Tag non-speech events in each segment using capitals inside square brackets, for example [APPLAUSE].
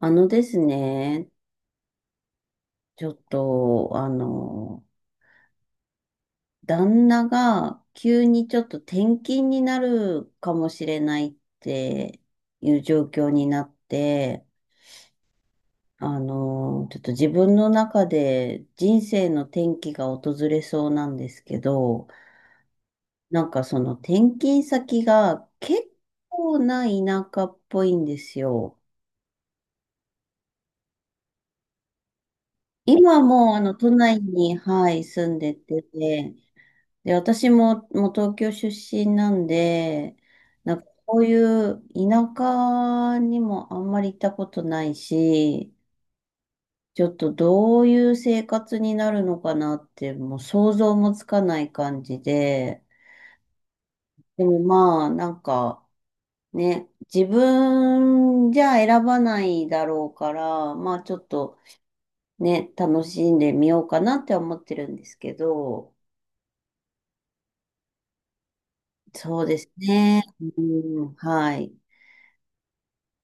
あのですね、ちょっと、あの、旦那が急にちょっと転勤になるかもしれないっていう状況になって、ちょっと自分の中で人生の転機が訪れそうなんですけど、なんかその転勤先が結構な田舎っぽいんですよ。今もう都内に、はい、住んでて、で、私も、もう東京出身なんで、なんかこういう田舎にもあんまり行ったことないし、ちょっとどういう生活になるのかなって、もう想像もつかない感じで、でもまあ、なんかね、自分じゃ選ばないだろうから、まあちょっとね、楽しんでみようかなって思ってるんですけど、そうですね。うん、はい。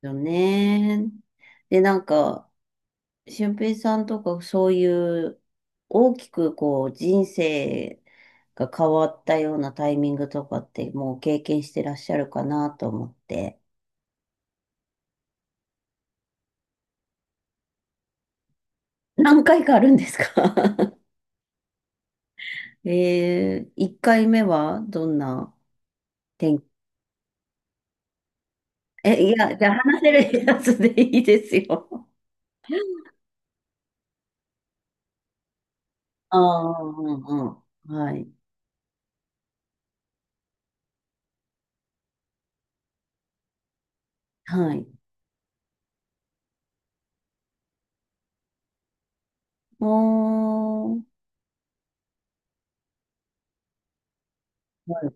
よね。で、なんか、俊平さんとかそういう大きくこう人生が変わったようなタイミングとかってもう経験してらっしゃるかなと思って。何回かあるんですか？ [LAUGHS] 1回目はどんな天え、いや、じゃあ話せるやつでいいですよ。ああ、うんうんうん。はい。はい。おー。はい。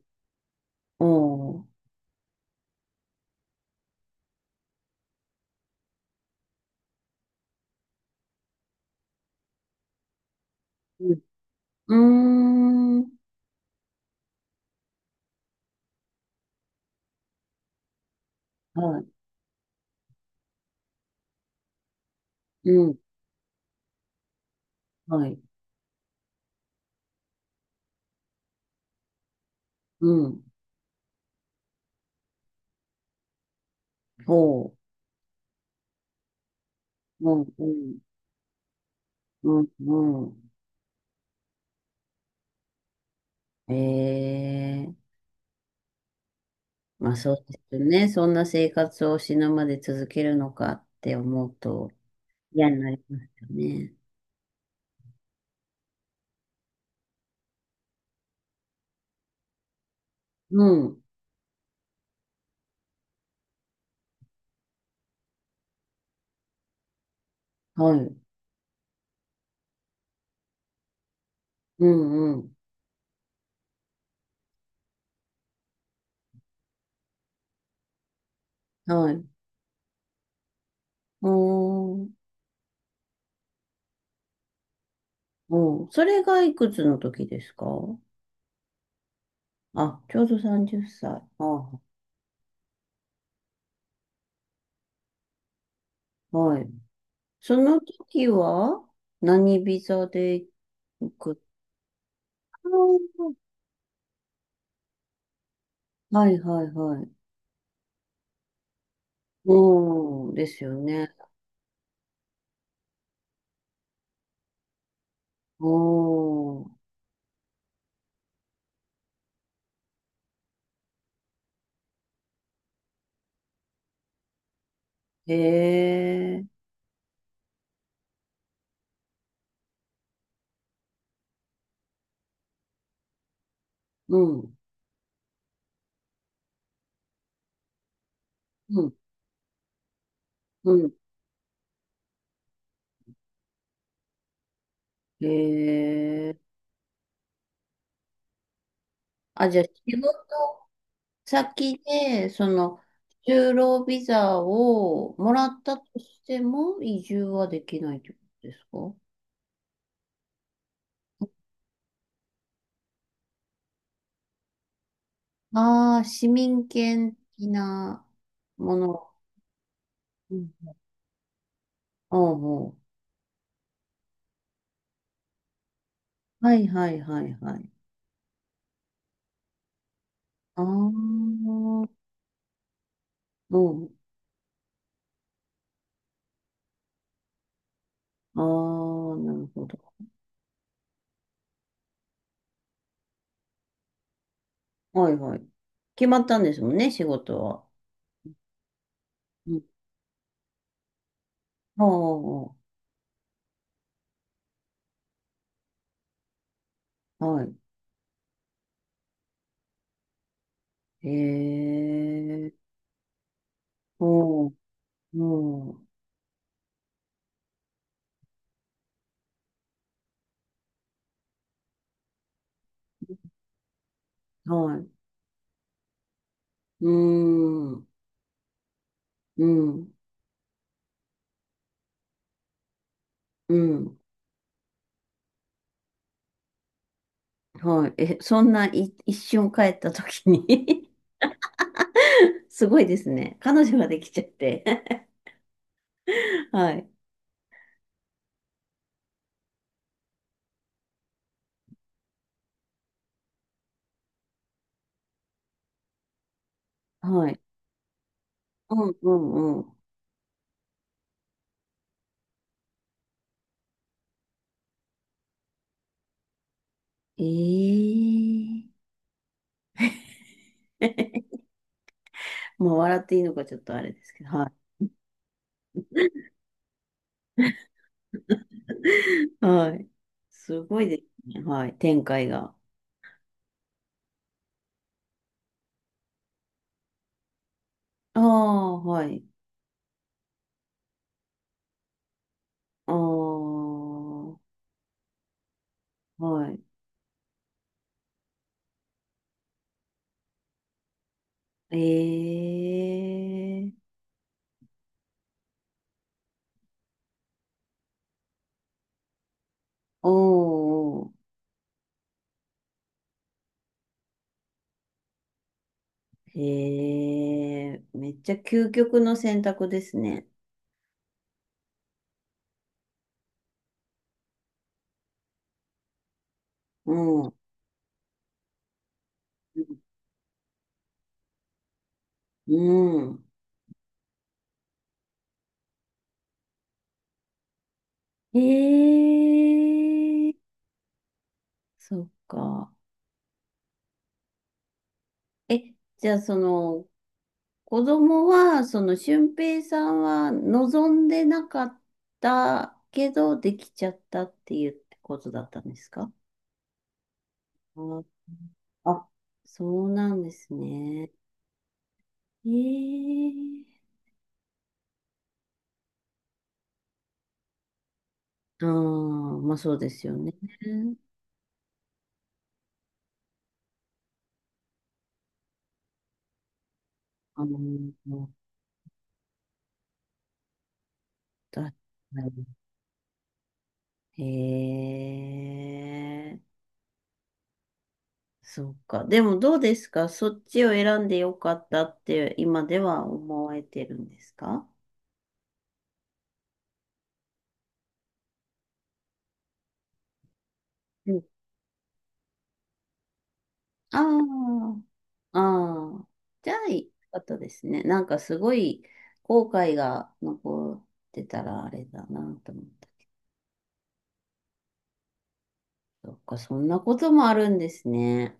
おー。うん。うーん。はい。うん。はい。うん。ほう。うん。うん。うん。うん。ええ。まあそうですよね。そんな生活を死ぬまで続けるのかって思うと嫌になりますよね。うん。はい。うん。うん。はい。おー。おー。それがいくつの時ですか？あ、ちょうど30歳。ああはい。その時は何ビザで行く？あーはいはいはい。うん、ですよね。おー、へえ、うん、うん、うん、へえ。あ、じゃあ仕事先で、その、就労ビザをもらったとしても移住はできないってことですか？ああー、市民権的なもの。うん、おうおう。はいはいはいはい。ああ、うん。ああ、なるほど。はいはい。決まったんですもんね、仕事は。うん。ああ、はい。へえ、おう、おう、はい。うーん、うん、うん、はい。え、そんない一瞬帰った時に？ [LAUGHS] すごいですね。彼女ができちゃって。[LAUGHS] はい、はい。うん、うん、うん。ええ。 [LAUGHS] まあ、笑っていいのかちょっとあれですけど、はい。はい。すごいですね。はい。展開が。ああ、はい。ああ、はい。ええ。おーおー、へえ、めっちゃ究極の選択ですね。うん。うん。へえ。そっか。え、じゃあその、子供は、その、俊平さんは望んでなかったけど、できちゃったっていうことだったんですか？ああ、そうなんですね。ええ。ああー、まあそうですよね。あの、だ、へえ、そうか。でもどうですかそっちを選んでよかったって今では思われてるんですか？うん。ああ、ああ、じゃあ、よかったですね。なんかすごい後悔が残ってたらあれだなと思う。そっか、そんなこともあるんですね。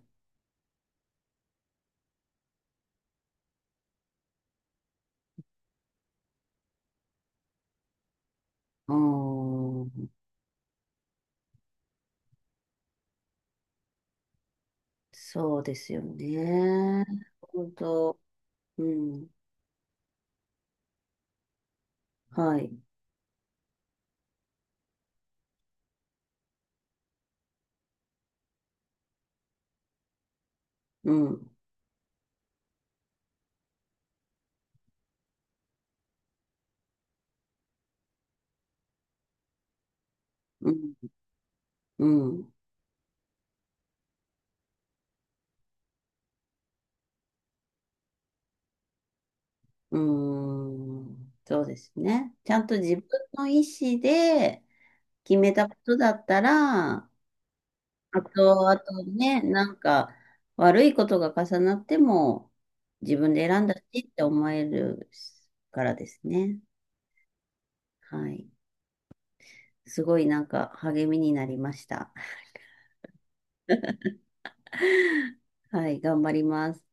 うーん、そうですよね。本当、うん、はい、うん、うん、うん、うん、そうですね。ちゃんと自分の意思で決めたことだったら、あと、あとね、なんか悪いことが重なっても自分で選んだしって思えるからですね。はい。すごいなんか励みになりました。はい、頑張ります。